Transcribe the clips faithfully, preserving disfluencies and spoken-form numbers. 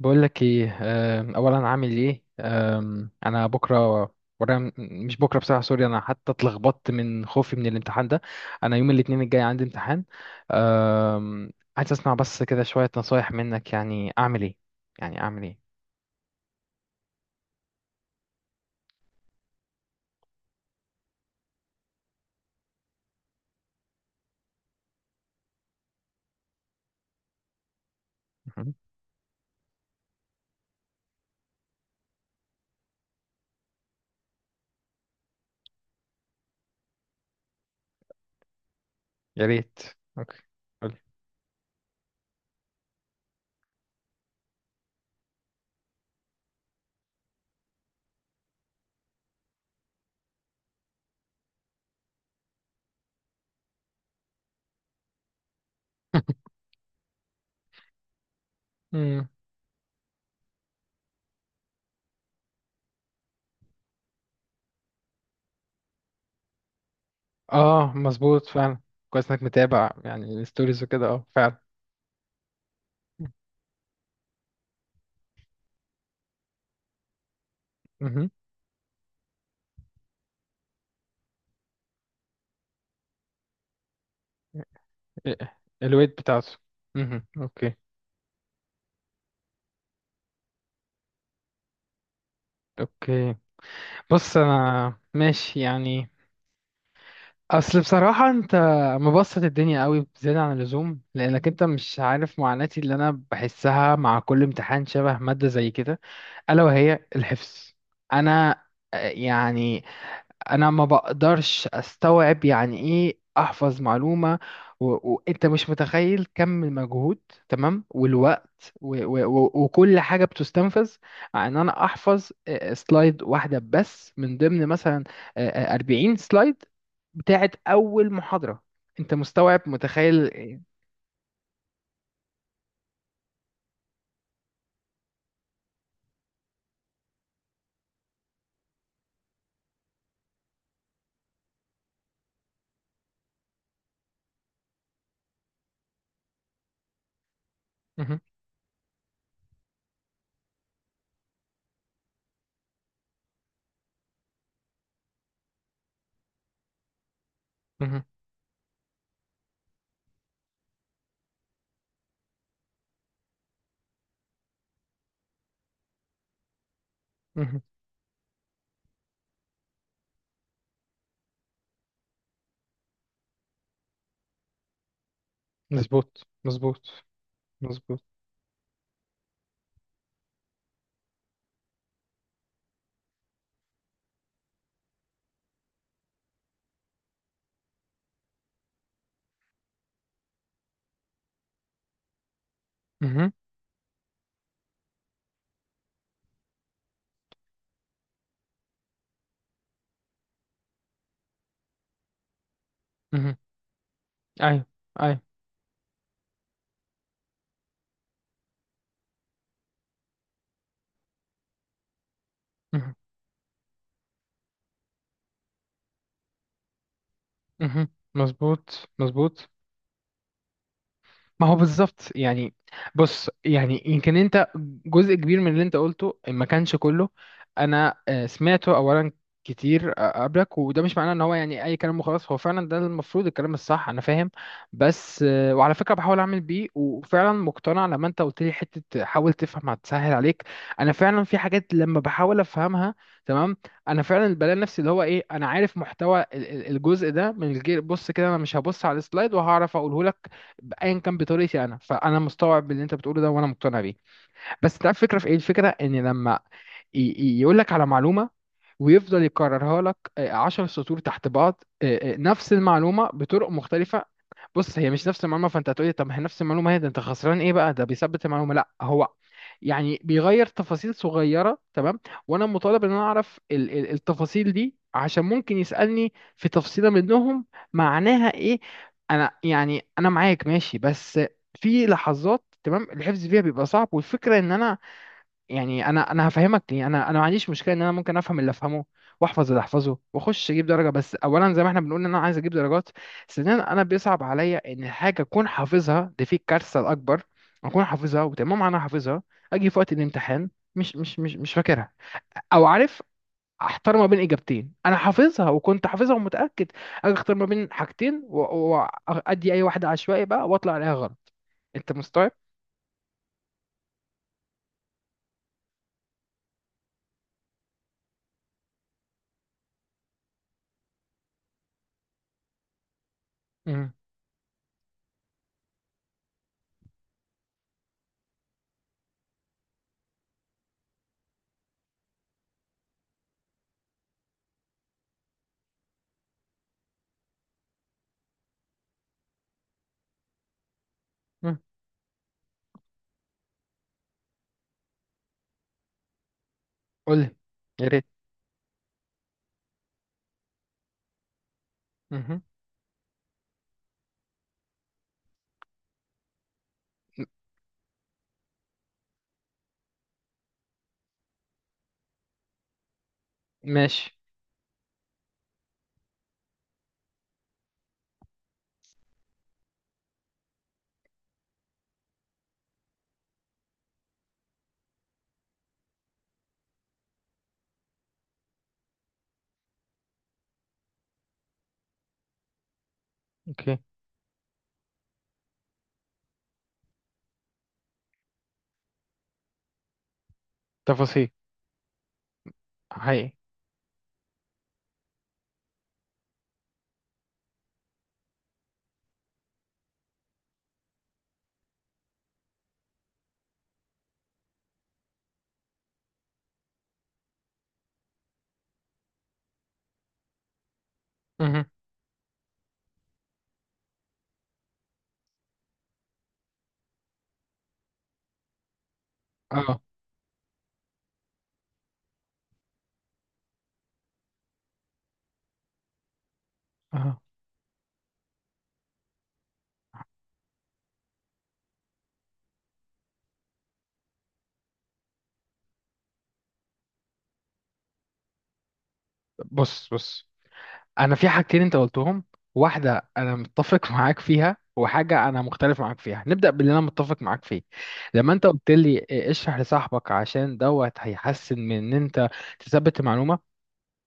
بقول لك ايه. أم، اولا عامل ايه؟ أم، انا بكره ورا م- مش بكره بصراحه، سوري. انا حتى اتلخبطت من خوفي من الامتحان ده. انا يوم الاثنين الجاي عندي امتحان. أم، عايز اسمع بس كده شويه نصايح منك، يعني اعمل ايه؟ يعني اعمل ايه مهم. يا ريت. اوكي. قولي. مم. اه مظبوط فعلا. كويس انك متابع يعني الستوريز وكده، اه فعلا. مهم. إيه- الويت بتاعته. مهم. اوكي. اوكي بص انا ماشي يعني. اصل بصراحة انت مبسط الدنيا قوي بزيادة عن اللزوم، لانك انت مش عارف معاناتي اللي انا بحسها مع كل امتحان شبه مادة زي كده، الا وهي الحفظ. انا آه، يعني انا ما بقدرش استوعب يعني ايه احفظ معلومة. و- وانت مش متخيل كم المجهود، تمام، والوقت و و و وكل حاجة بتستنفذ ان انا احفظ آه، آه، سلايد واحدة بس من ضمن مثلا آه، آه، أربعين سلايد بتاعت اول محاضرة. انت مستوعب متخيل إيه؟ مهم، مهم، مهم. مظبوط مظبوط مظبوط. مهم، مهم. ايوه. ايوه. مهم، مهم. مظبوط مظبوط. ما هو بالظبط يعني. بص يعني يمكن انت، جزء كبير من اللي انت قلته ما كانش كله. انا آه، سمعته اولا كتير آه، قبلك، وده مش معناه ان هو يعني اي كلام وخلاص. هو فعلا ده المفروض الكلام الصح، انا فاهم. بس آه، وعلى فكره بحاول اعمل بيه، وفعلا مقتنع لما انت قلت لي حته حاول تفهم هتسهل عليك. انا فعلا في حاجات لما بحاول افهمها، تمام، انا فعلا بلاقي نفسي اللي هو ايه، انا عارف محتوى ال- ال- الجزء ده من الجيل. بص كده انا مش هبص على السلايد وهعرف اقوله لك. ايا كان بطريقتي انا، فانا مستوعب اللي انت بتقوله ده، وانا مقتنع بيه. بس انت عارف الفكره في ايه؟ الفكره ان لما يقول لك على معلومه ويفضل يكررها لك آه، عشر سطور تحت بعض، آه، آه، نفس المعلومة بطرق مختلفة. بص هي مش نفس المعلومة. فانت هتقولي طب ما هي نفس المعلومة، هي ده انت خسران ايه بقى، ده بيثبت المعلومة. لا، هو يعني بيغير تفاصيل صغيرة، تمام، وانا مطالب ان انا اعرف ال- ال- التفاصيل دي عشان ممكن يسألني في تفصيلة منهم معناها ايه. انا يعني انا معاك ماشي، بس في لحظات تمام الحفظ فيها بيبقى صعب. والفكرة ان انا يعني انا انا هفهمك ليه. انا انا ما عنديش مشكله ان انا ممكن افهم اللي افهمه واحفظ اللي احفظه واخش اجيب درجه. بس اولا زي ما احنا بنقول ان انا عايز اجيب درجات، ثانيا انا بيصعب عليا ان حاجه اكون حافظها، دي في الكارثه الاكبر، اكون حافظها وتمام انا حافظها، اجي في وقت الامتحان مش مش مش مش فاكرها، او عارف احتار ما بين اجابتين انا حافظها وكنت حافظها ومتاكد، اجي اختار ما بين حاجتين و- وادي اي واحده عشوائي بقى واطلع عليها غلط. انت مستوعب؟ امم. قول لي. يا ريت. مهم. ماشي. اوكي. تفاصيل. حقيقي. مهم. اه. اه. بص بص انا في حاجتين انت قلتهم، واحده انا متفق معاك فيها وحاجه انا مختلف معاك فيها. نبدا باللي انا متفق معاك فيه. لما انت قلت لي إيه، اشرح لصاحبك عشان دوت هيحسن من ان انت تثبت المعلومه.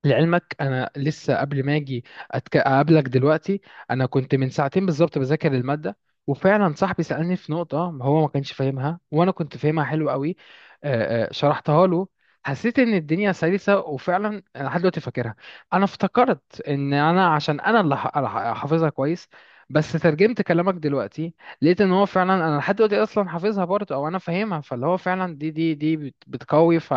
لعلمك انا لسه قبل ما اجي أتك... اقابلك دلوقتي، انا كنت من ساعتين بالظبط بذاكر الماده. وفعلا صاحبي سالني في نقطه هو ما كانش فاهمها وانا كنت فاهمها حلو قوي. آه، آه، شرحتها له. حسيت ان الدنيا سلسه، وفعلا انا لحد دلوقتي فاكرها. انا افتكرت ان انا عشان انا اللي ح- ح- حافظها كويس. بس ترجمت كلامك دلوقتي، لقيت ان هو فعلا انا لحد دلوقتي اصلا حافظها برضه، او انا فاهمها، فاللي هو فعلا دي دي دي بت- بتقوي ف.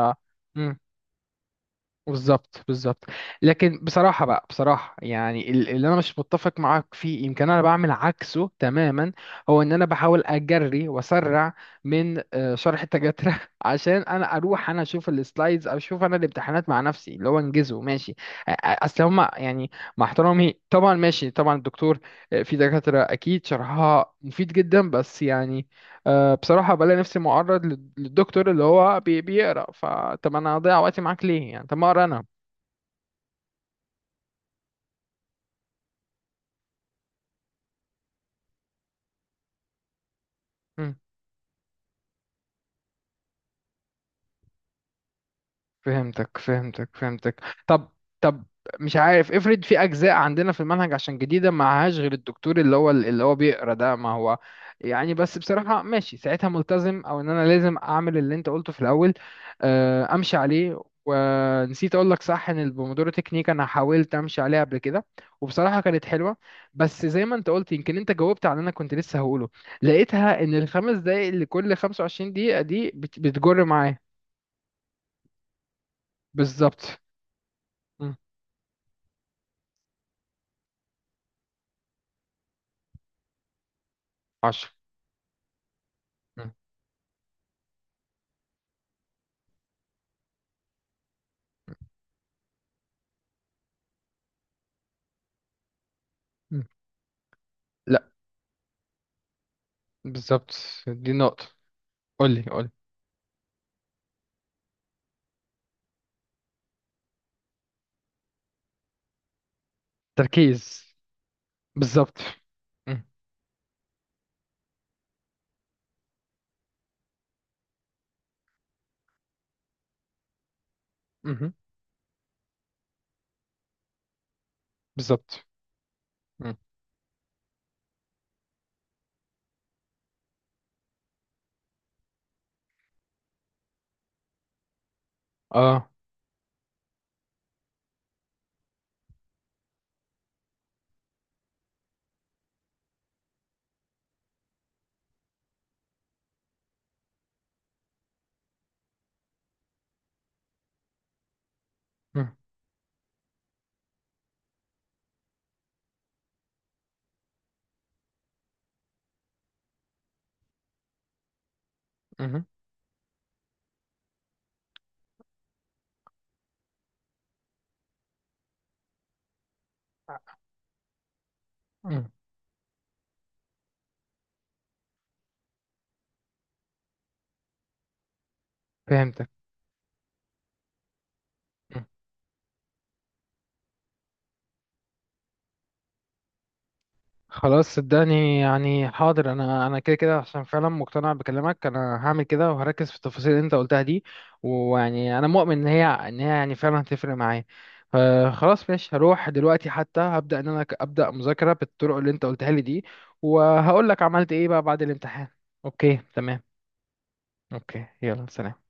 بالظبط بالظبط. لكن بصراحة بقى، بصراحة يعني ال- اللي أنا مش متفق معاك فيه، يمكن أنا بعمل عكسه تماما. هو إن أنا بحاول أجري وأسرع من آه، شرح التجاترة عشان أنا أروح أنا أشوف السلايدز أو أشوف أنا الامتحانات مع نفسي، اللي هو أنجزه ماشي. أ- أ- أصل هما يعني، مع احترامي طبعا ماشي طبعا الدكتور، آه، في دكاترة أكيد شرحها مفيد جدا بس يعني أه بصراحة بلاقي نفسي معرض لل- للدكتور اللي هو بي- بيقرا، فطب انا هضيع وقتي معاك ليه يعني، طب ما اقرا انا؟ فهمتك فهمتك فهمتك. طب، طب، مش عارف افرض في اجزاء عندنا في المنهج عشان جديده معهاش غير الدكتور اللي هو اللي هو بيقرا ده. ما هو يعني بس بصراحه ماشي ساعتها ملتزم او ان انا لازم اعمل اللي انت قلته في الاول. آه، امشي عليه. ونسيت اقول لك صح ان البومودورو تكنيك انا حاولت امشي عليها قبل كده، وبصراحه كانت حلوه. بس زي ما انت قلت، يمكن انت جاوبت على اللي انا كنت لسه هقوله، لقيتها ان الخمس دقايق اللي كل خمسة وعشرين دقيقه دي بت- بتجر معايا. بالظبط. عشرة. مم. مم. لا. بالظبط. دي نقطة. قولي قولي. تركيز. بالظبط. مم. مهم. بالظبط. مم. اه. مم. مهم. مم. فهمتك. خلاص صدقني يعني، حاضر، انا انا كده كده عشان فعلا مقتنع بكلامك، انا هعمل كده وهركز في التفاصيل اللي انت قلتها دي. ويعني انا مؤمن ان هي ان هي يعني فعلا هتفرق معايا. آه، خلاص ماشي هروح دلوقتي، حتى هبدأ ان انا ك- ابدأ مذاكرة بالطرق اللي انت قلتها لي دي، وهقول لك عملت ايه بقى بعد الامتحان. اوكي تمام. اوكي يلا سلام.